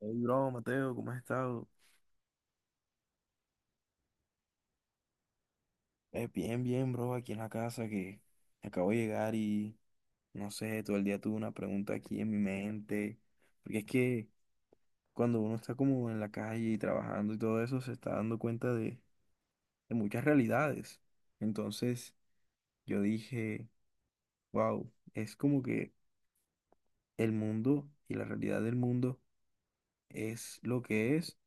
Hey, bro, Mateo, ¿cómo has estado? Bien, bien, bro, aquí en la casa que acabo de llegar y no sé, todo el día tuve una pregunta aquí en mi mente, porque es que cuando uno está como en la calle y trabajando y todo eso, se está dando cuenta de muchas realidades. Entonces yo dije, wow, es como que el mundo y la realidad del mundo es lo que es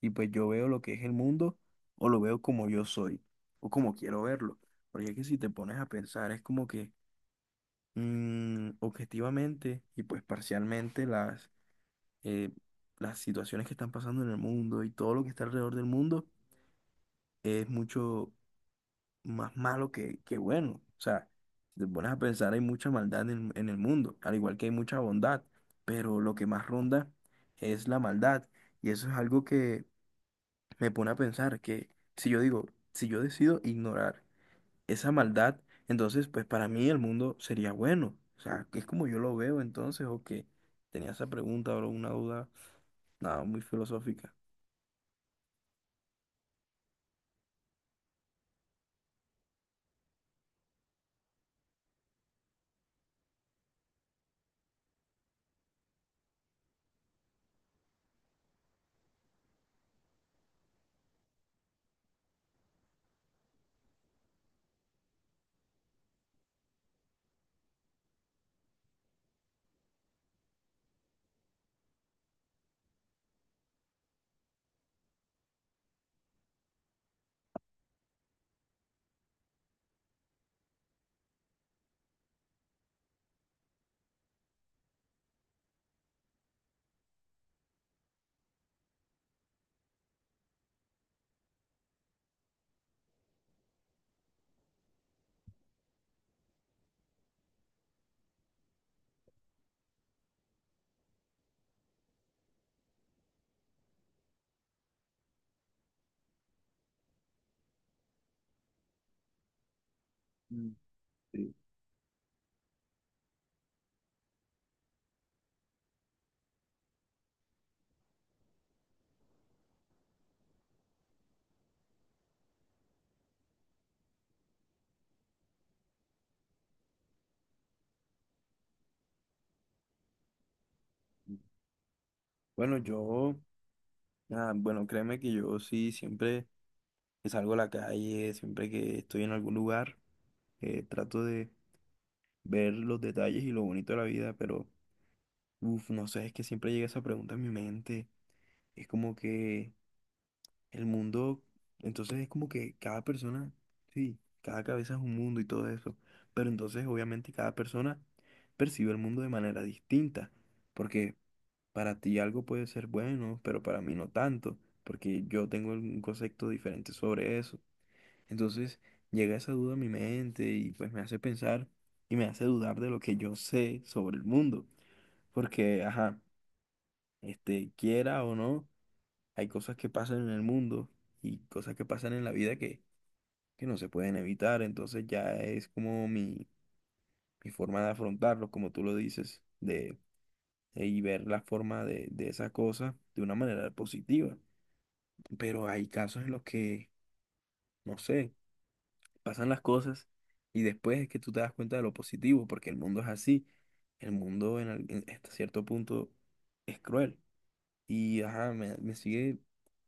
y pues yo veo lo que es el mundo o lo veo como yo soy o como quiero verlo. Porque es que si te pones a pensar es como que objetivamente y pues parcialmente eh, las situaciones que están pasando en el mundo y todo lo que está alrededor del mundo es mucho más malo que bueno. O sea, si te pones a pensar hay mucha maldad en el mundo, al igual que hay mucha bondad, pero lo que más ronda es la maldad. Y eso es algo que me pone a pensar que si yo digo, si yo decido ignorar esa maldad, entonces pues para mí el mundo sería bueno. O sea, que es como yo lo veo entonces, o que tenía esa pregunta o una duda, nada, muy filosófica. Mm, sí. Bueno, yo, nada, bueno, créeme que yo sí, siempre que salgo a la calle, siempre que estoy en algún lugar, trato de ver los detalles y lo bonito de la vida, pero, uff, no sé, es que siempre llega esa pregunta en mi mente. Es como que... El mundo, entonces es como que cada persona, sí, cada cabeza es un mundo y todo eso, pero entonces obviamente cada persona percibe el mundo de manera distinta, porque para ti algo puede ser bueno, pero para mí no tanto, porque yo tengo un concepto diferente sobre eso. Entonces llega esa duda a mi mente y pues me hace pensar y me hace dudar de lo que yo sé sobre el mundo, porque, ajá, este, quiera o no. Hay cosas que pasan en el mundo y cosas que pasan en la vida que no se pueden evitar. Entonces ya es como mi forma de afrontarlo, como tú lo dices, y ver la forma de esa cosa de una manera positiva. Pero hay casos en los que, no sé, pasan las cosas y después es que tú te das cuenta de lo positivo, porque el mundo es así. El mundo hasta cierto punto es cruel. Y ajá, me sigue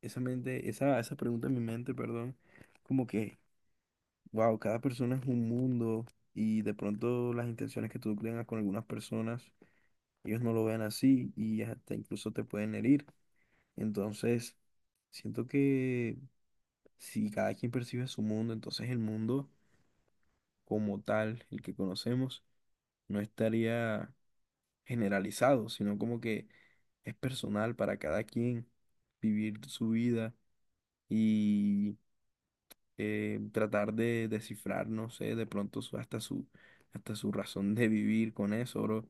esa mente, esa pregunta en mi mente, perdón, como que, wow, cada persona es un mundo y de pronto las intenciones que tú tengas con algunas personas, ellos no lo ven así y hasta incluso te pueden herir. Entonces, siento que si cada quien percibe su mundo, entonces el mundo como tal, el que conocemos, no estaría generalizado, sino como que es personal para cada quien vivir su vida y... tratar de descifrar, no sé, de pronto hasta hasta su razón de vivir con eso, bro.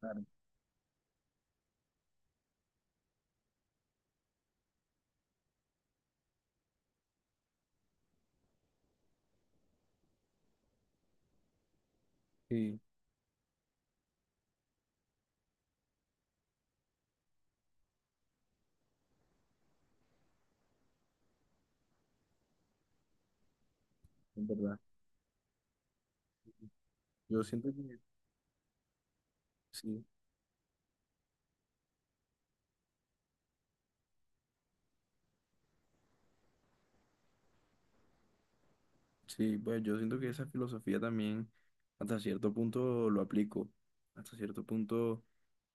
Claro, sí, es verdad. Yo siento que sí. Sí, pues yo siento que esa filosofía también hasta cierto punto lo aplico. Hasta cierto punto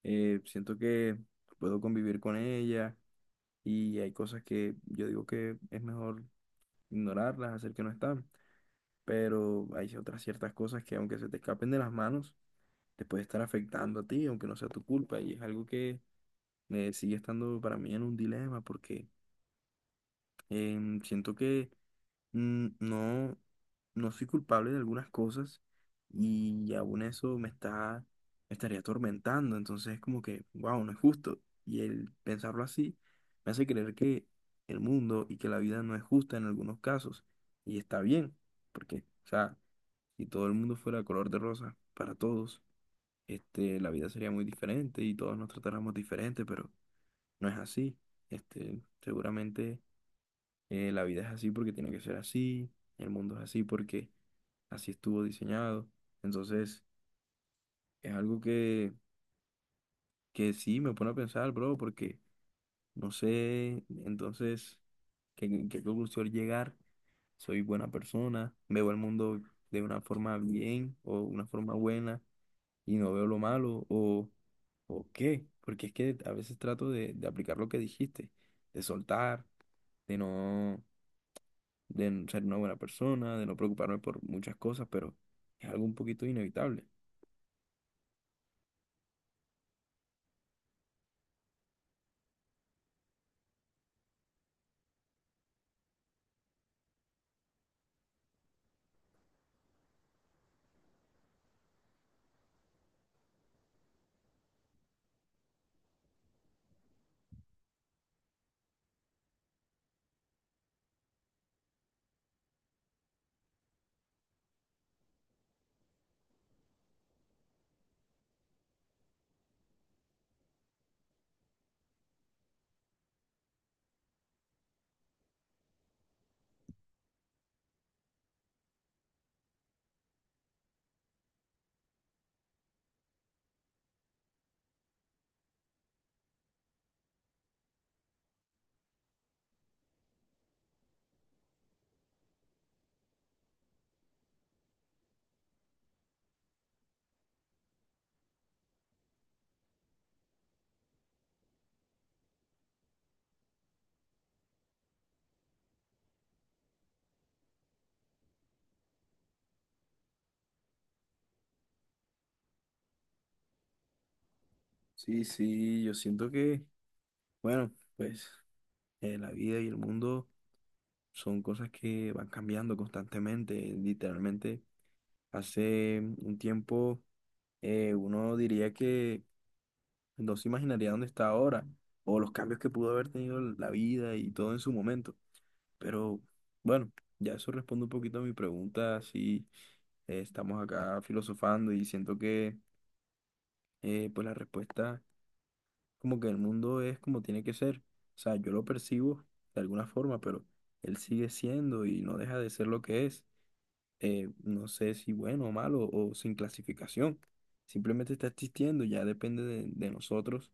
siento que puedo convivir con ella y hay cosas que yo digo que es mejor ignorarlas, hacer que no están. Pero hay otras ciertas cosas que aunque se te escapen de las manos, te puede estar afectando a ti, aunque no sea tu culpa. Y es algo que sigue estando para mí en un dilema, porque siento que no, no soy culpable de algunas cosas y aún eso me me estaría atormentando. Entonces es como que, wow, no es justo. Y el pensarlo así me hace creer que el mundo y que la vida no es justa en algunos casos. Y está bien, porque, o sea, si todo el mundo fuera color de rosa para todos, este, la vida sería muy diferente y todos nos tratáramos diferente, pero no es así. Este, seguramente la vida es así porque tiene que ser así, el mundo es así porque así estuvo diseñado. Entonces, es algo que sí me pone a pensar, bro, porque no sé entonces qué conclusión llegar. Soy buena persona, veo el mundo de una forma bien o una forma buena y no veo lo malo o qué, porque es que a veces trato de aplicar lo que dijiste, de soltar, de no, de n- ser una buena persona, de no preocuparme por muchas cosas, pero es algo un poquito inevitable. Sí, sí, yo siento que, bueno, pues la vida y el mundo son cosas que van cambiando constantemente, literalmente. Hace un tiempo uno diría que no se imaginaría dónde está ahora o los cambios que pudo haber tenido la vida y todo en su momento. Pero bueno, ya eso responde un poquito a mi pregunta, si estamos acá filosofando y siento que pues la respuesta como que el mundo es como tiene que ser. O sea, yo lo percibo de alguna forma, pero él sigue siendo y no deja de ser lo que es. No sé si bueno o malo o sin clasificación. Simplemente está existiendo, ya depende de nosotros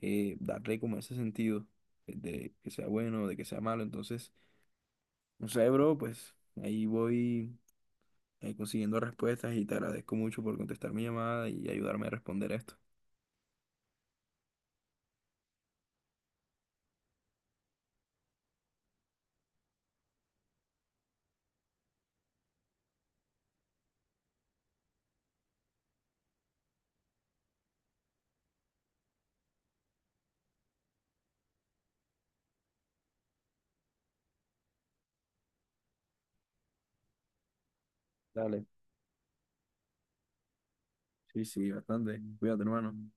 darle como ese sentido de que sea bueno, de que sea malo. Entonces, no sé, bro, pues ahí voy consiguiendo respuestas y te agradezco mucho por contestar mi llamada y ayudarme a responder esto. Dale. Sí, sí, bastante. Cuídate, hermano.